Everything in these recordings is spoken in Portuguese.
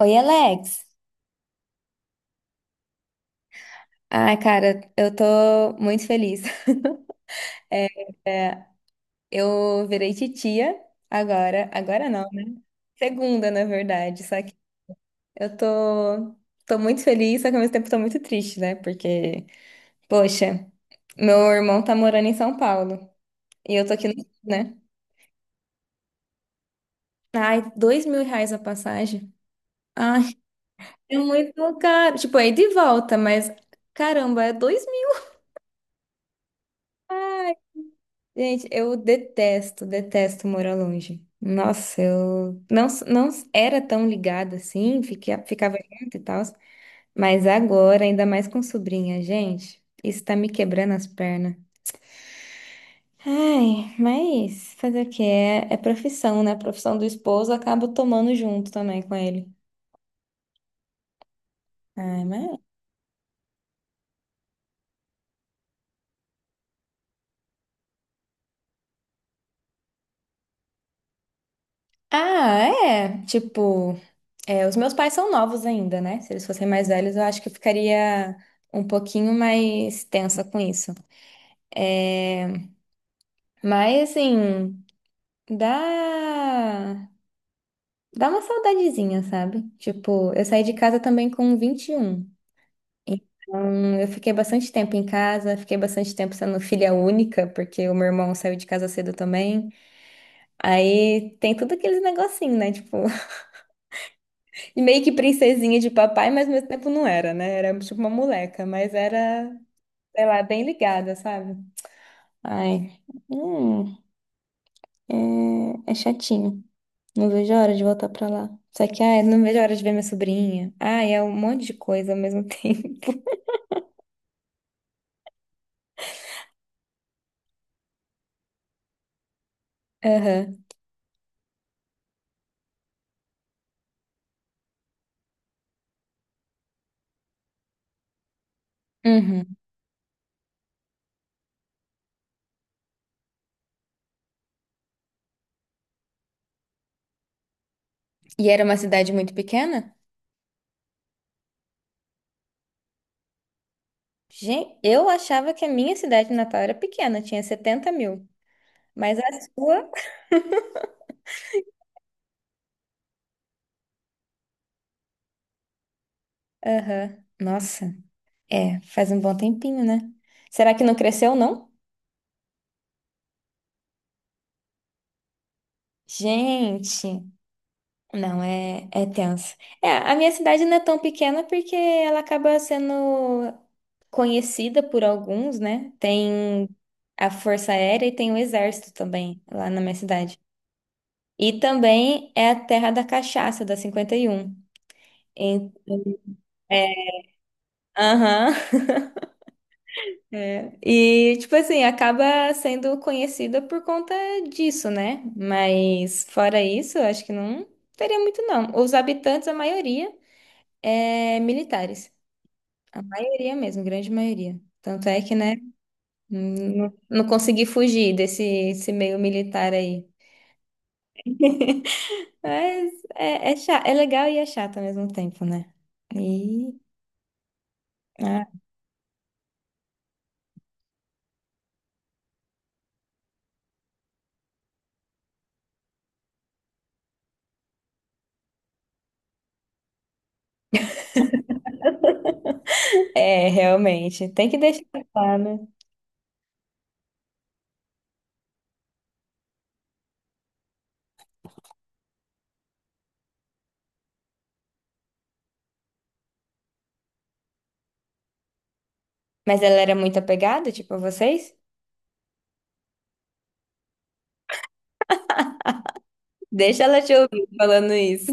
Oi, Alex. Ai, cara, eu tô muito feliz. É, é, eu virei titia agora. Agora não, né? Segunda, na verdade. Só que eu tô muito feliz, só que ao mesmo tempo tô muito triste, né? Porque, poxa, meu irmão tá morando em São Paulo. E eu tô aqui no Rio, né? Ai, R$ 2.000 a passagem. Ai, é muito caro. Tipo, é ida e volta, mas caramba, é dois. Gente, eu detesto, detesto morar longe. Nossa, eu não, era tão ligada assim, ficava junto e tal, mas agora, ainda mais com sobrinha, gente, isso tá me quebrando as pernas. Ai, mas fazer o quê? É, é profissão, né? A profissão do esposo acaba tomando junto também com ele. Ai, mas... Ah, é. Tipo, é, os meus pais são novos ainda, né? Se eles fossem mais velhos, eu acho que eu ficaria um pouquinho mais tensa com isso. Mas assim, dá dá uma saudadezinha, sabe? Tipo, eu saí de casa também com 21. Então, eu fiquei bastante tempo em casa, fiquei bastante tempo sendo filha única, porque o meu irmão saiu de casa cedo também. Aí tem tudo aqueles negocinho, né? Tipo, e meio que princesinha de papai, mas ao mesmo tempo não era, né? Era tipo uma moleca, mas era, sei lá, bem ligada, sabe? Ai, hum, é, é chatinho. Não vejo a hora de voltar pra lá. Só que, ai, não vejo a hora de ver minha sobrinha. Ai, é um monte de coisa ao mesmo tempo. Aham. Uhum. E era uma cidade muito pequena? Gente, eu achava que a minha cidade natal era pequena, tinha 70.000. Mas a sua. Aham. Nossa, é, faz um bom tempinho, né? Será que não cresceu, não? Gente. Não, é, é tenso. É, a minha cidade não é tão pequena porque ela acaba sendo conhecida por alguns, né? Tem a Força Aérea e tem o Exército também lá na minha cidade. E também é a terra da cachaça, da 51. Então, é, aham. É. E, tipo assim, acaba sendo conhecida por conta disso, né? Mas, fora isso, eu acho que não teria muito, não. Os habitantes, a maioria, é militares. A maioria mesmo, grande maioria. Tanto é que, né, não, não consegui fugir desse esse meio militar aí. Mas é, é, cha- é legal e é chato ao mesmo tempo, né? E, ah, é, realmente. Tem que deixar lá, né? Mas ela era muito apegada, tipo, a vocês? Deixa ela te ouvir falando isso.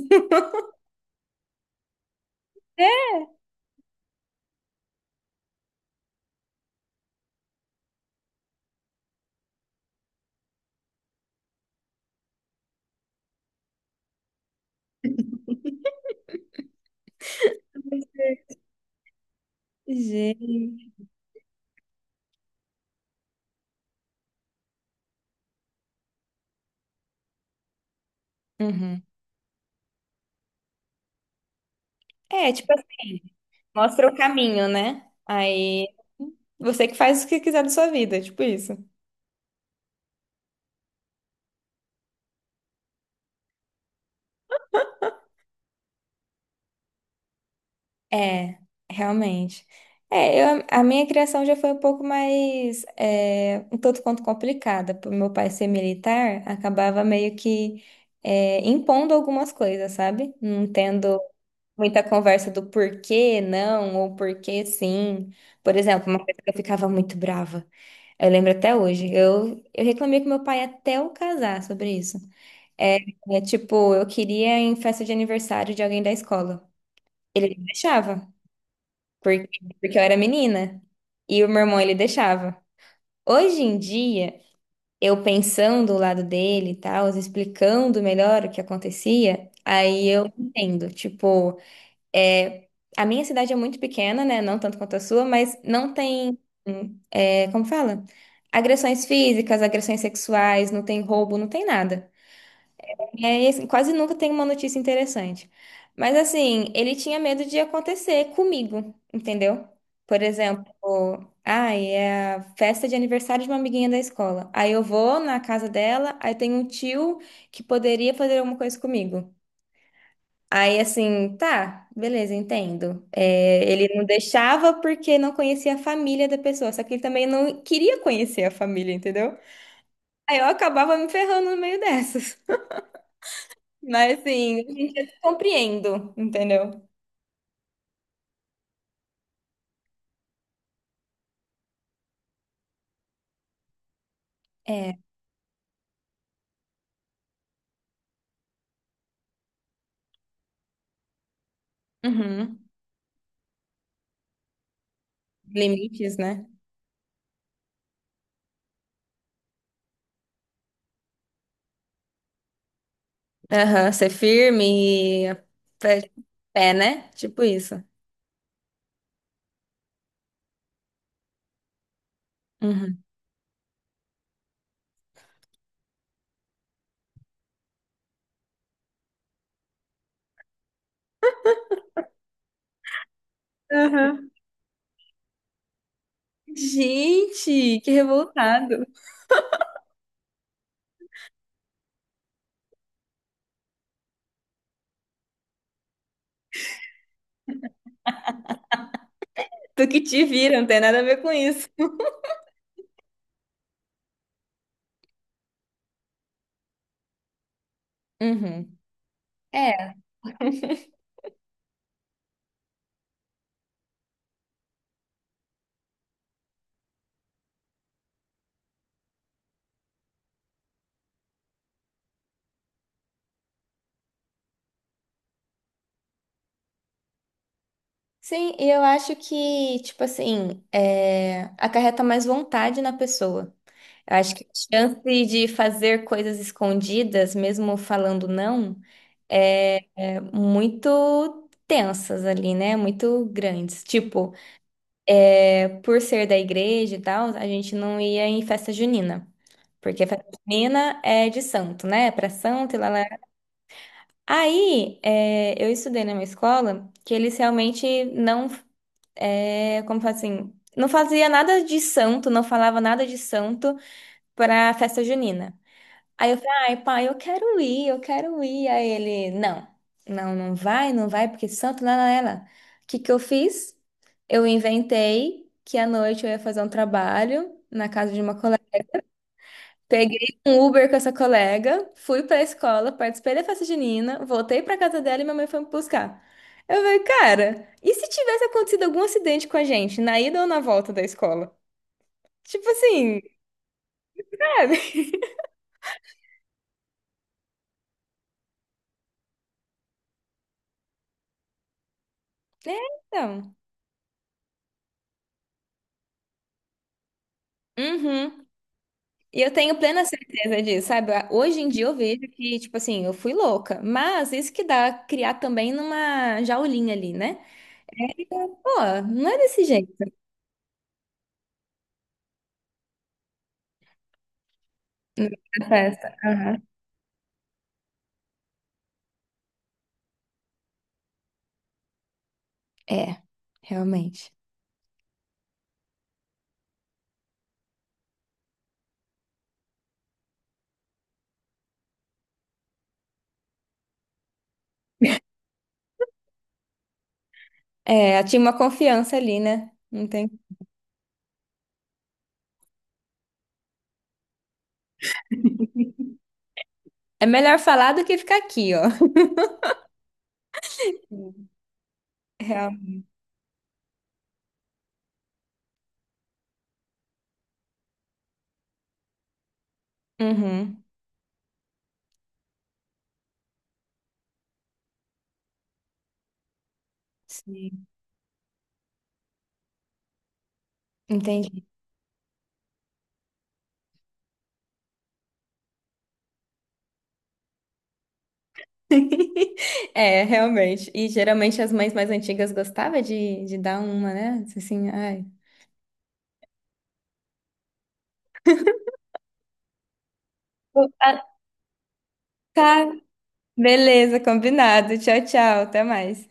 Gente. Uhum. É, tipo assim, mostra o caminho, né? Aí você que faz o que quiser da sua vida, tipo isso. É, realmente. É, eu, a minha criação já foi um pouco mais, é, um tanto quanto complicada. Por meu pai ser militar, acabava meio que, é, impondo algumas coisas, sabe? Não tendo muita conversa do porquê não ou porquê sim. Por exemplo, uma coisa que eu ficava muito brava. Eu lembro até hoje. Eu reclamei com meu pai até eu casar sobre isso. É, é, tipo, eu queria ir em festa de aniversário de alguém da escola. Ele não deixava porque, porque eu era menina. E o meu irmão, ele deixava. Hoje em dia, eu pensando do lado dele e tal, explicando melhor o que acontecia, aí eu entendo. Tipo, é, a minha cidade é muito pequena, né? Não tanto quanto a sua, mas não tem, é, como fala? Agressões físicas, agressões sexuais, não tem roubo, não tem nada. É, e assim, quase nunca tem uma notícia interessante. Mas assim, ele tinha medo de acontecer comigo, entendeu? Por exemplo, ai, é a festa de aniversário de uma amiguinha da escola. Aí eu vou na casa dela, aí tem um tio que poderia fazer alguma coisa comigo. Aí assim, tá, beleza, entendo. É, ele não deixava porque não conhecia a família da pessoa, só que ele também não queria conhecer a família, entendeu? Aí eu acabava me ferrando no meio dessas. Mas assim, a gente eu te compreendo, entendeu? É. Uhum. Limites, né? Aham, ser firme e pé, pé, né? Tipo isso. Uhum. Aham. Gente, que revoltado. Tu que te vira, não tem nada a ver com isso. Uhum. É, sim, e eu acho que, tipo assim, é, acarreta mais vontade na pessoa. Eu acho que a chance de fazer coisas escondidas, mesmo falando não, é, é muito tensas ali, né? Muito grandes. Tipo, é, por ser da igreja e tal, a gente não ia em festa junina. Porque festa junina é de santo, né? É pra santo e lá, lá. Aí, é, eu estudei numa escola que eles realmente não, é, como fala assim, não fazia nada de santo, não falava nada de santo pra festa junina. Aí eu falei, ai, pai, eu quero ir, eu quero ir. Aí ele, não, não, não vai, não vai, porque santo lá na ela. O que que eu fiz? Eu inventei que à noite eu ia fazer um trabalho na casa de uma colega. Peguei um Uber com essa colega, fui pra escola, participei da festa junina, voltei pra casa dela e minha mãe foi me buscar. Eu falei, cara, e se tivesse acontecido algum acidente com a gente, na ida ou na volta da escola? Tipo assim, sabe? É, então. Uhum. E eu tenho plena certeza disso, sabe? Hoje em dia eu vejo que, tipo assim, eu fui louca. Mas isso que dá criar também numa jaulinha ali, né? É, pô, não é desse jeito essa festa. Aham. É, realmente. É, tinha uma confiança ali, né? Não tem... É melhor falar do que ficar aqui, ó. Sim. Real. Uhum. Sim, entendi. É, realmente. E geralmente as mães mais antigas gostavam de dar uma, né? Assim, ai. Pô, a- Beleza, combinado. Tchau, tchau. Até mais.